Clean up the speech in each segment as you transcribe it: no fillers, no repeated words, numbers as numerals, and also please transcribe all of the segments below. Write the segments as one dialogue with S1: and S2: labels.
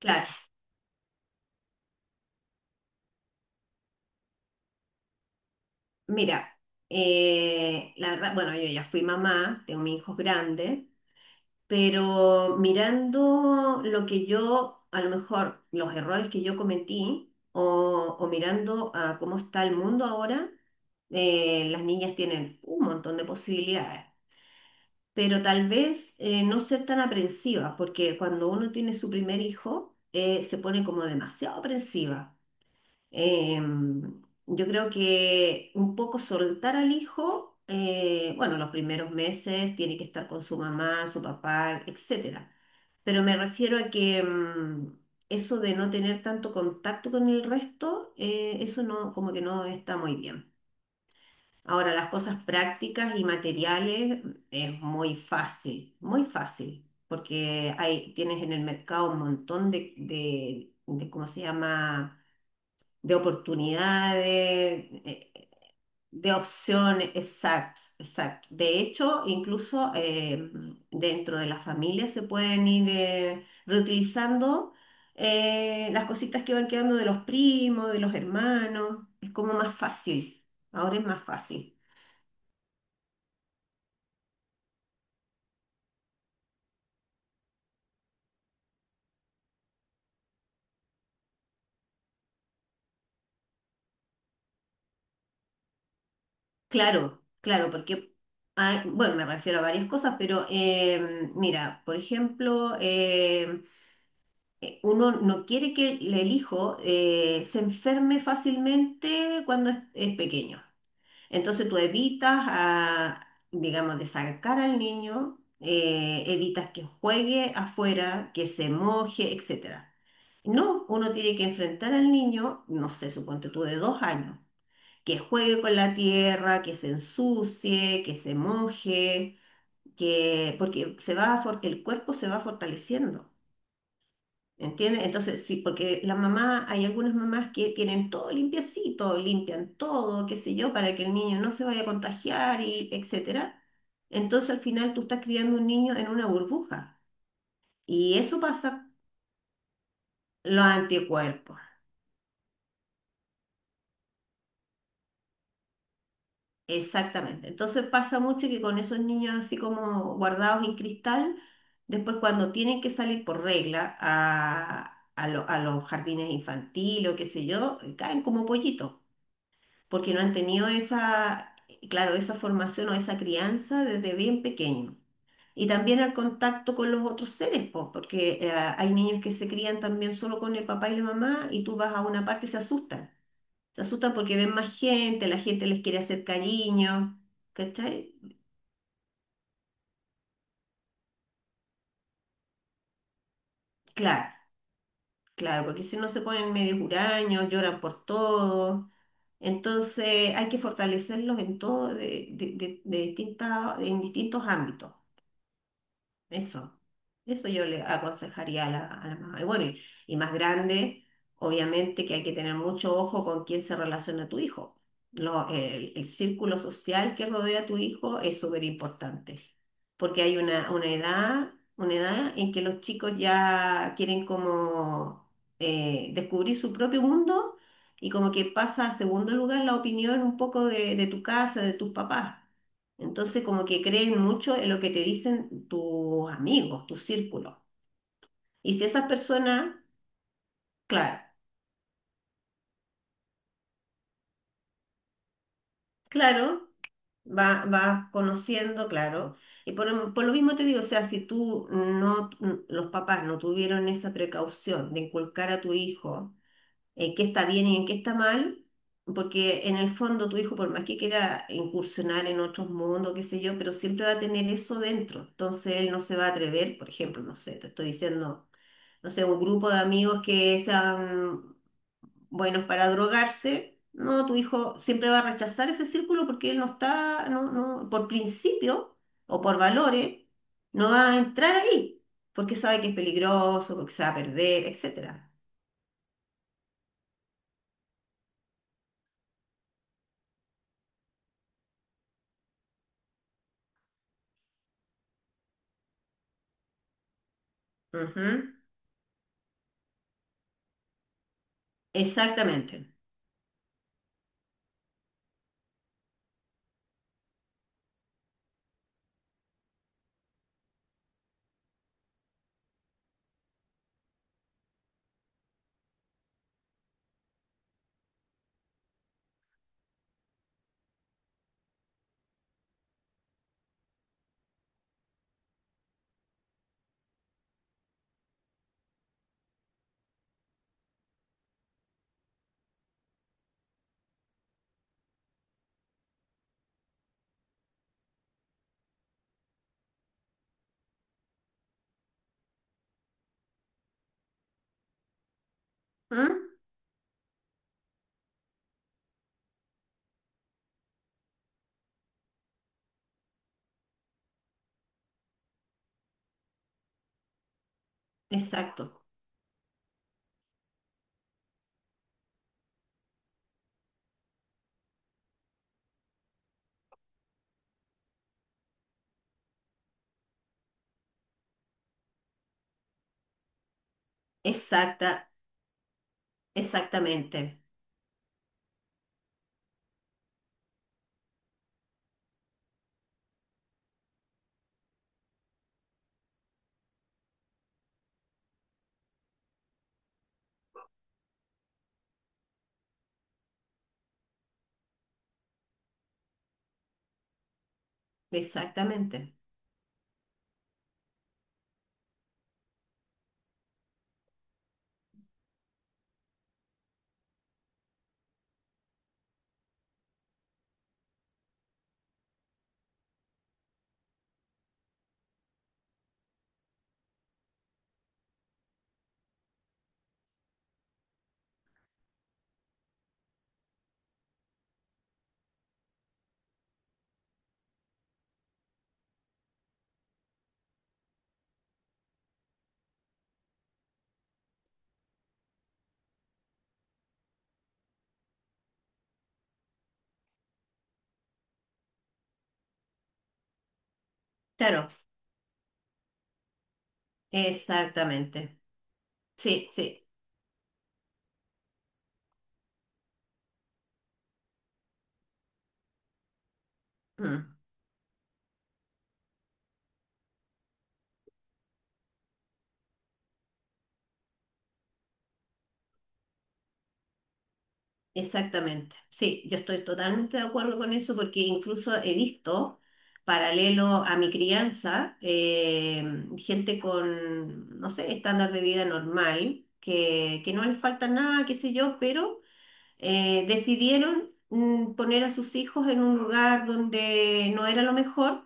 S1: Claro, mira, la verdad, bueno, yo ya fui mamá, tengo mis hijos grandes, pero mirando lo que yo, a lo mejor los errores que yo cometí, o mirando a cómo está el mundo ahora, las niñas tienen un montón de posibilidades, pero tal vez no ser tan aprensiva, porque cuando uno tiene su primer hijo, se pone como demasiado aprensiva. Em, yo creo que un poco soltar al hijo, bueno, los primeros meses tiene que estar con su mamá, su papá, etcétera. Pero me refiero a que eso de no tener tanto contacto con el resto, eso no, como que no está muy bien. Ahora, las cosas prácticas y materiales, es muy fácil, porque hay, tienes en el mercado un montón de ¿cómo se llama? De oportunidades, de opciones, exacto, exacto. De hecho, incluso dentro de la familia se pueden ir reutilizando las cositas que van quedando de los primos, de los hermanos. Es como más fácil, ahora es más fácil. Claro, claro, porque, bueno, me refiero a varias cosas, pero mira, por ejemplo, uno no quiere que el hijo se enferme fácilmente cuando es pequeño. Entonces tú evitas, a, digamos, de sacar al niño, evitas que juegue afuera, que se moje, etcétera. No, uno tiene que enfrentar al niño, no sé, suponte tú de dos años, que juegue con la tierra, que se ensucie, que se moje, que, porque se va a el cuerpo se va fortaleciendo. ¿Entiendes? Entonces, sí, porque la mamá, hay algunas mamás que tienen todo limpiecito, limpian todo, qué sé yo, para que el niño no se vaya a contagiar y etcétera. Entonces, al final tú estás criando un niño en una burbuja. Y eso pasa los anticuerpos. Exactamente. Entonces pasa mucho que con esos niños así como guardados en cristal, después cuando tienen que salir por regla a, a los jardines infantiles o qué sé yo, caen como pollitos. Porque no han tenido esa, claro, esa formación o esa crianza desde bien pequeño. Y también el contacto con los otros seres, po, porque hay niños que se crían también solo con el papá y la mamá y tú vas a una parte y se asustan. Se asustan porque ven más gente, la gente les quiere hacer cariño, ¿cachai? Claro, claro, porque si no se ponen medio huraños, lloran por todo. Entonces hay que fortalecerlos en todo, de distintas, en distintos ámbitos. Eso, eso yo le aconsejaría a la mamá. Y bueno, y más grande, obviamente que hay que tener mucho ojo con quién se relaciona tu hijo. El círculo social que rodea a tu hijo es súper importante, porque hay una edad en que los chicos ya quieren como descubrir su propio mundo y como que pasa a segundo lugar la opinión un poco de tu casa, de tus papás. Entonces, como que creen mucho en lo que te dicen tus amigos, tu círculo. Y si esas personas, claro, claro, vas conociendo, claro. Y por lo mismo te digo, o sea, si tú no, los papás no tuvieron esa precaución de inculcar a tu hijo en qué está bien y en qué está mal, porque en el fondo tu hijo, por más que quiera incursionar en otros mundos, qué sé yo, pero siempre va a tener eso dentro. Entonces él no se va a atrever, por ejemplo, no sé, te estoy diciendo no sé, un grupo de amigos que sean buenos para drogarse, no, tu hijo siempre va a rechazar ese círculo porque él no está, no, no, por principio o por valores, no va a entrar ahí, porque sabe que es peligroso, porque se va a perder, etcétera. Ujú. Exactamente. ¿Mm? Exacto. Exacta, exactamente. Exactamente. Claro, exactamente. Sí, sí. Mm. Exactamente, sí, yo estoy totalmente de acuerdo con eso porque incluso he visto, paralelo a mi crianza, gente con, no sé, estándar de vida normal, que no les falta nada, qué sé yo, pero decidieron poner a sus hijos en un lugar donde no era lo mejor,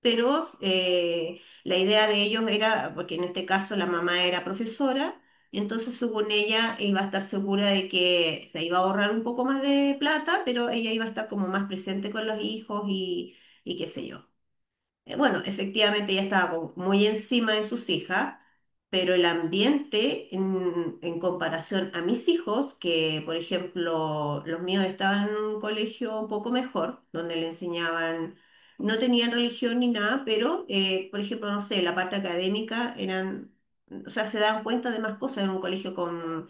S1: pero la idea de ellos era, porque en este caso la mamá era profesora, entonces según ella iba a estar segura de que se iba a ahorrar un poco más de plata, pero ella iba a estar como más presente con los hijos y qué sé yo. Bueno, efectivamente ella estaba como muy encima de sus hijas, pero el ambiente en comparación a mis hijos, que por ejemplo los míos estaban en un colegio un poco mejor, donde le enseñaban, no tenían religión ni nada, pero por ejemplo, no sé, la parte académica eran, o sea, se dan cuenta de más cosas en un colegio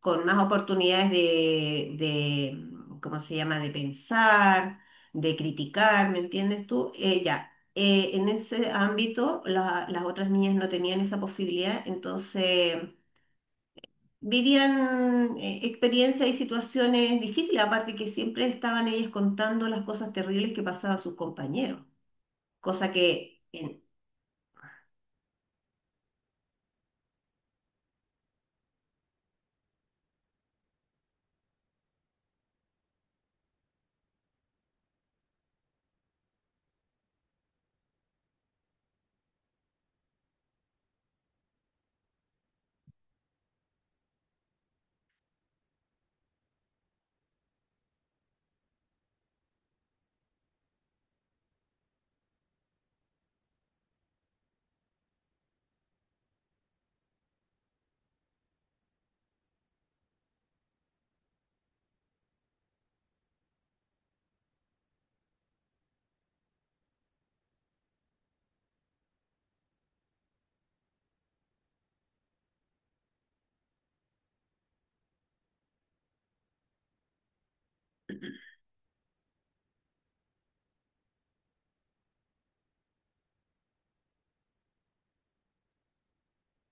S1: con más oportunidades de ¿cómo se llama? De pensar, de criticar, ¿me entiendes tú? Ya, en ese ámbito las otras niñas no tenían esa posibilidad, entonces vivían experiencias y situaciones difíciles, aparte que siempre estaban ellas contando las cosas terribles que pasaban a sus compañeros, cosa que, en-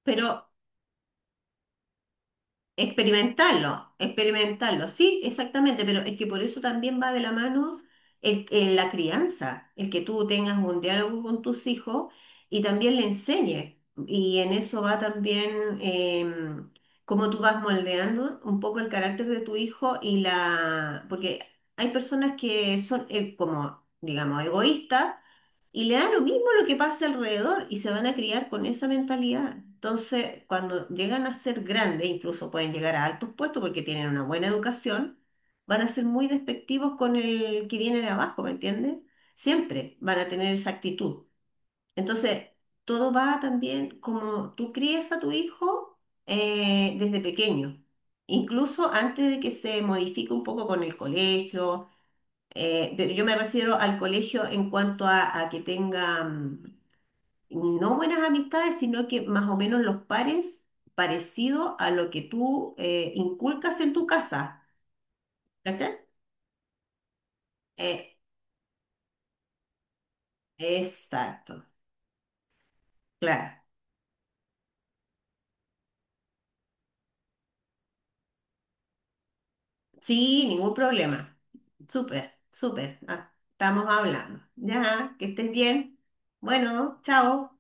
S1: pero experimentarlo, experimentarlo, sí, exactamente, pero es que por eso también va de la mano la crianza, el que tú tengas un diálogo con tus hijos y también le enseñes. Y en eso va también em, cómo tú vas moldeando un poco el carácter de tu hijo y la... Porque hay personas que son como, digamos, egoístas y le da lo mismo lo que pase alrededor y se van a criar con esa mentalidad. Entonces, cuando llegan a ser grandes, incluso pueden llegar a altos puestos porque tienen una buena educación, van a ser muy despectivos con el que viene de abajo, ¿me entiendes? Siempre van a tener esa actitud. Entonces, todo va también como tú crías a tu hijo desde pequeño, incluso antes de que se modifique un poco con el colegio, pero yo me refiero al colegio en cuanto a que tenga, no buenas amistades, sino que más o menos los pares parecido a lo que tú inculcas en tu casa. ¿Cachai? Eh, exacto, claro. Sí, ningún problema. Súper, súper. Ah, estamos hablando. Ya, que estés bien. Bueno, chao.